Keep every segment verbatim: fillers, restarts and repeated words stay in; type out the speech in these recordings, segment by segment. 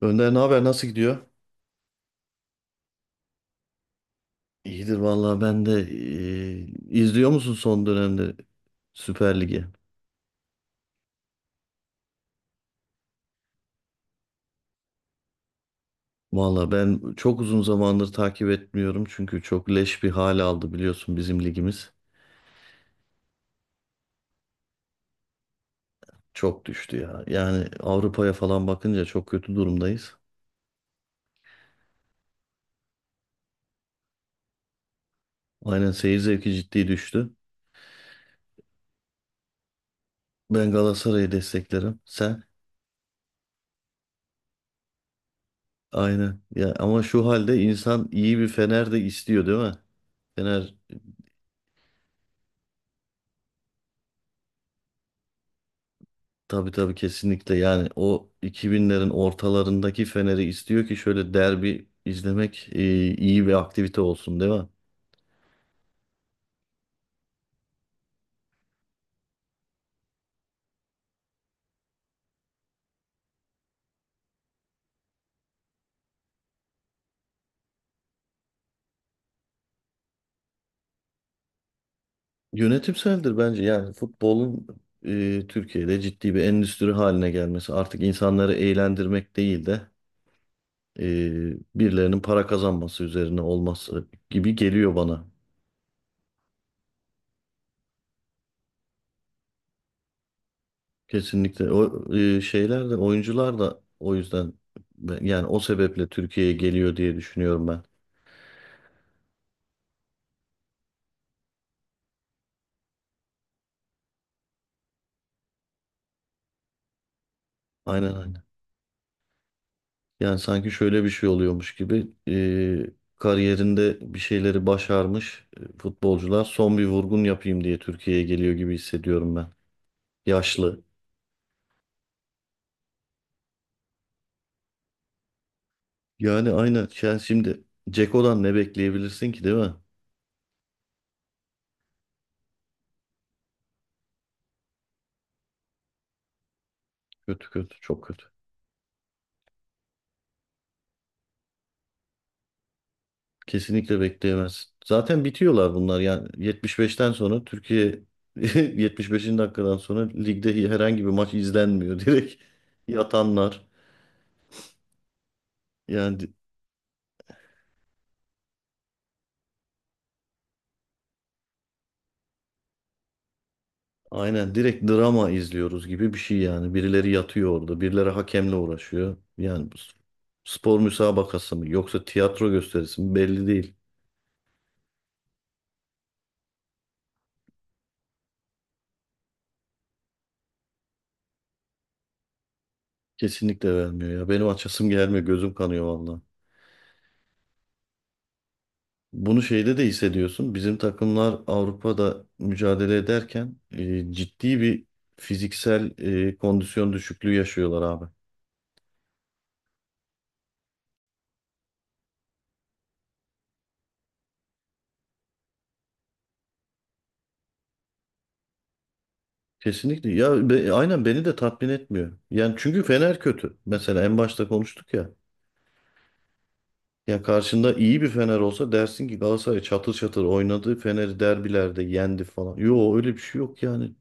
Önder ne haber? Nasıl gidiyor? İyidir vallahi ben de e, izliyor musun son dönemde Süper Lig'i? Vallahi ben çok uzun zamandır takip etmiyorum çünkü çok leş bir hal aldı biliyorsun bizim ligimiz. Çok düştü ya. Yani Avrupa'ya falan bakınca çok kötü durumdayız. Aynen, seyir zevki ciddi düştü. Ben Galatasaray'ı desteklerim. Sen? Aynen. Ya ama şu halde insan iyi bir Fener de istiyor değil mi? Fener Tabii tabii, kesinlikle, yani o iki binlerin ortalarındaki Fener'i istiyor ki şöyle derbi izlemek e, iyi bir aktivite olsun değil mi? Yönetimseldir bence, yani futbolun e, Türkiye'de ciddi bir endüstri haline gelmesi, artık insanları eğlendirmek değil de e, birilerinin para kazanması üzerine olması gibi geliyor bana. Kesinlikle o e, şeyler de, oyuncular da o yüzden ben- yani o sebeple Türkiye'ye geliyor diye düşünüyorum ben. Aynen. aynen. Yani sanki şöyle bir şey oluyormuş gibi eee, kariyerinde bir şeyleri başarmış e, futbolcular son bir vurgun yapayım diye Türkiye'ye geliyor gibi hissediyorum ben. Yaşlı. Yani aynen, yani şimdi Ceko'dan ne bekleyebilirsin ki değil mi? Kötü kötü, çok kötü. Kesinlikle bekleyemezsin. Zaten bitiyorlar bunlar, yani yetmiş beşten sonra Türkiye yetmiş beşinci dakikadan sonra ligde herhangi bir maç izlenmiyor, direkt yatanlar. Yani aynen, direkt drama izliyoruz gibi bir şey yani. Birileri yatıyor orada, birileri hakemle uğraşıyor. Yani bu s- spor müsabakası mı, yoksa tiyatro gösterisi mi belli değil. Kesinlikle vermiyor ya. Benim açasım gelmiyor, gözüm kanıyor valla. Bunu şeyde de hissediyorsun. Bizim takımlar Avrupa'da mücadele ederken e, ciddi bir fiziksel e, kondisyon düşüklüğü yaşıyorlar abi. Kesinlikle. Ya be- aynen, beni de tatmin etmiyor. Yani çünkü Fener kötü. Mesela en başta konuştuk ya. Ya karşında iyi bir Fener olsa dersin ki Galatasaray çatır çatır oynadı, Fener'i derbilerde yendi falan. Yo, öyle bir şey yok yani.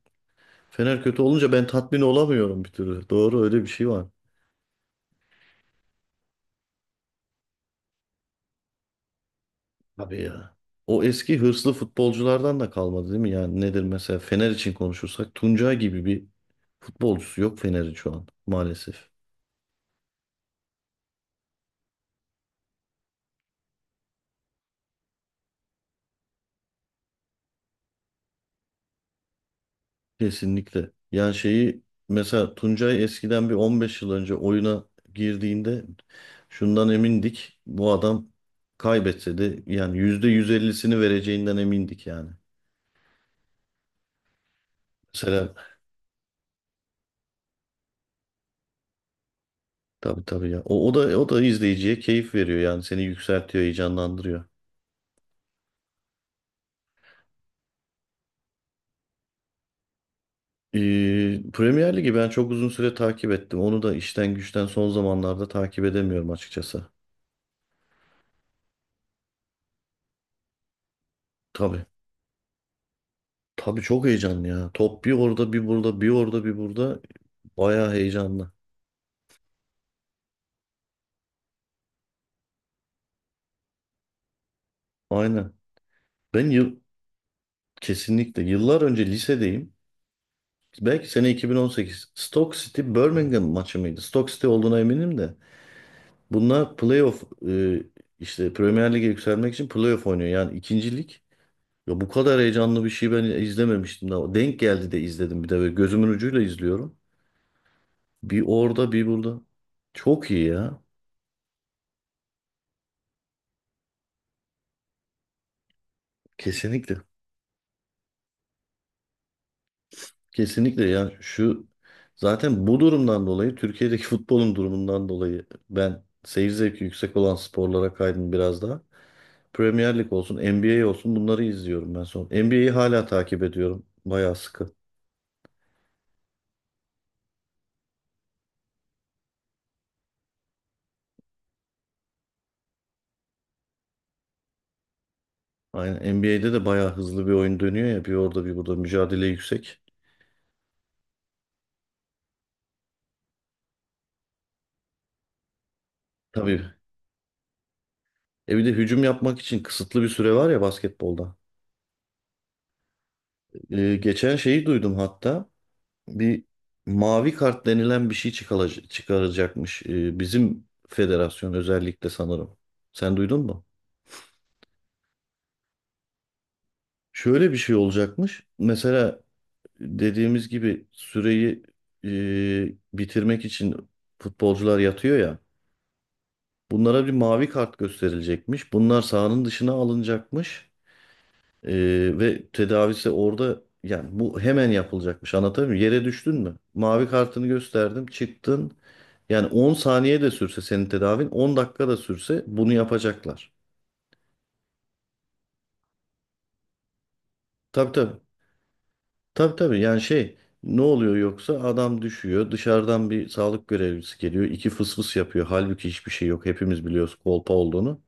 Fener kötü olunca ben tatmin olamıyorum bir türlü. Doğru, öyle bir şey var. Abi ya. O eski hırslı futbolculardan da kalmadı değil mi? Yani nedir, mesela Fener için konuşursak Tuncay gibi bir futbolcusu yok Fener'in şu an maalesef. Kesinlikle. Yani şeyi, mesela Tuncay eskiden bir on beş yıl önce oyuna girdiğinde şundan emindik. Bu adam kaybetse de yani yüzde yüz ellisini vereceğinden emindik yani. Mesela, tabii tabii ya. O, o da o da izleyiciye keyif veriyor, yani seni yükseltiyor, heyecanlandırıyor. Ee, Premier Ligi ben çok uzun süre takip ettim. Onu da işten güçten son zamanlarda takip edemiyorum açıkçası. Tabii. Tabii, çok heyecanlı ya. Top bir orada bir burada, bir orada bir burada. Bayağı heyecanlı. Aynen. Ben yıl Kesinlikle, yıllar önce lisedeyim. Belki sene iki bin on sekiz. Stoke City Birmingham maçı mıydı? Stoke City olduğuna eminim de. Bunlar playoff, e, işte Premier Lig'e yükselmek için playoff oynuyor. Yani ikinci lig. Ya bu kadar heyecanlı bir şey ben izlememiştim daha. Denk geldi de izledim, bir de böyle gözümün ucuyla izliyorum. Bir orada bir burada. Çok iyi ya. Kesinlikle. Kesinlikle ya, şu zaten bu durumdan dolayı, Türkiye'deki futbolun durumundan dolayı ben seyir zevki yüksek olan sporlara kaydım biraz daha. Premier Lig olsun, N B A olsun, bunları izliyorum ben son. N B A'yi hala takip ediyorum bayağı sıkı. Aynen, N B A'de de bayağı hızlı bir oyun dönüyor ya, bir orada bir burada, mücadele yüksek. Tabii, e bir de hücum yapmak için kısıtlı bir süre var ya basketbolda. Ee, geçen şeyi duydum hatta. Bir mavi kart denilen bir şey çıkala- çıkaracakmış e, bizim federasyon özellikle sanırım. Sen duydun mu? Şöyle bir şey olacakmış. Mesela dediğimiz gibi süreyi e, bitirmek için futbolcular yatıyor ya. Bunlara bir mavi kart gösterilecekmiş, bunlar sahanın dışına alınacakmış. Ee, ve tedavisi orada, yani bu hemen yapılacakmış, anlatabiliyor muyum? Yere düştün mü? Mavi kartını gösterdim, çıktın. Yani on saniye de sürse senin tedavin, on dakika da sürse bunu yapacaklar. Tabii tabii. Tabii tabii, yani şey, ne oluyor yoksa, adam düşüyor, dışarıdan bir sağlık görevlisi geliyor, iki fıs fıs yapıyor. Halbuki hiçbir şey yok, hepimiz biliyoruz kolpa olduğunu.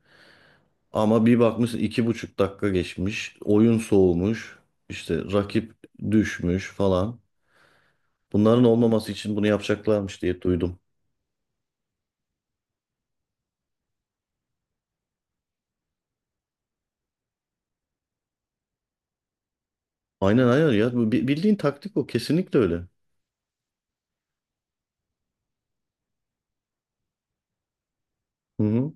Ama bir bakmışsın iki buçuk dakika geçmiş, oyun soğumuş, işte rakip düşmüş falan. Bunların olmaması için bunu yapacaklarmış diye duydum. Aynen aynen ya. Bu bi- Bildiğin taktik o. Kesinlikle öyle. Hı hı.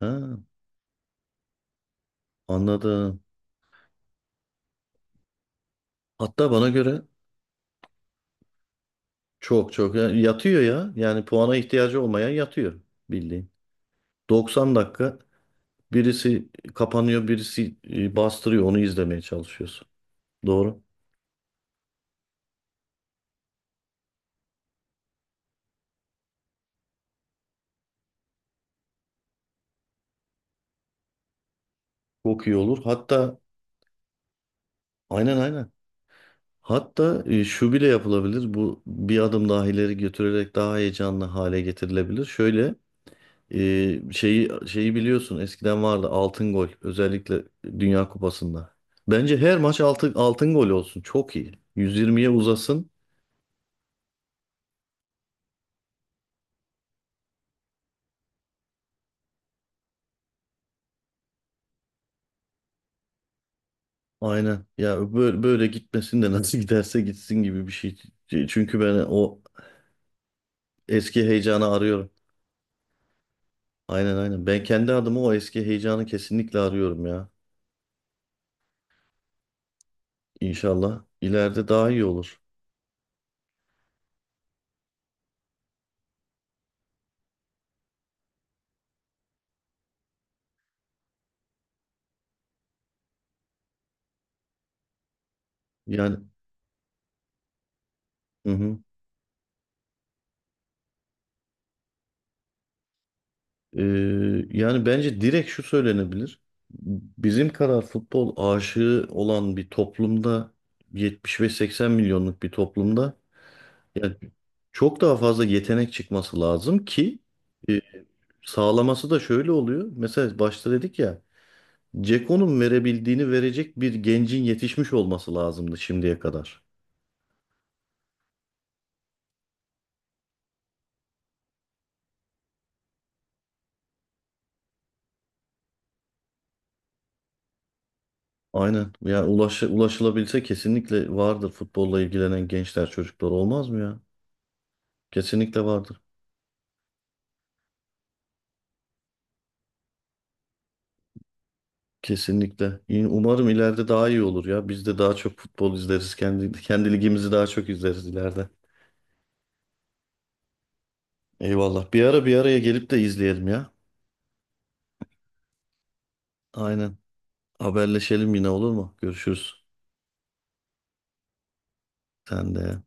Ha, anladım. Hatta bana göre çok çok, yani yatıyor ya. Yani puana ihtiyacı olmayan yatıyor bildiğin. doksan dakika birisi kapanıyor, birisi e, bastırıyor. Onu izlemeye çalışıyorsun. Doğru. Çok iyi olur. Hatta aynen aynen. Hatta e, şu bile yapılabilir. Bu, bir adım daha ileri götürerek daha heyecanlı hale getirilebilir. Şöyle Ee, şeyi şeyi biliyorsun, eskiden vardı altın gol özellikle Dünya Kupası'nda. Bence her maç altın altın gol olsun. Çok iyi. yüz yirmiye uzasın. Aynen. Ya böyle, böyle gitmesin de nasıl giderse gitsin gibi bir şey. Çünkü ben o eski heyecanı arıyorum. Aynen aynen. Ben kendi adıma o eski heyecanı kesinlikle arıyorum ya. İnşallah ileride daha iyi olur. Yani, hı hı. Ee, Yani bence direkt şu söylenebilir. Bizim kadar futbol aşığı olan bir toplumda, yetmiş ve seksen milyonluk bir toplumda yani çok daha fazla yetenek çıkması lazım ki e, sağlaması da şöyle oluyor. Mesela başta dedik ya, Ceko'nun verebildiğini verecek bir gencin yetişmiş olması lazımdı şimdiye kadar. Aynen. Yani ulaş, ulaşılabilse kesinlikle vardır futbolla ilgilenen gençler, çocuklar, olmaz mı ya? Kesinlikle vardır. Kesinlikle. İyi- Umarım ileride daha iyi olur ya. Biz de daha çok futbol izleriz. Kendi, kendi ligimizi daha çok izleriz ileride. Eyvallah. Bir ara bir araya gelip de izleyelim ya. Aynen. Haberleşelim yine, olur mu? Görüşürüz. Sen de.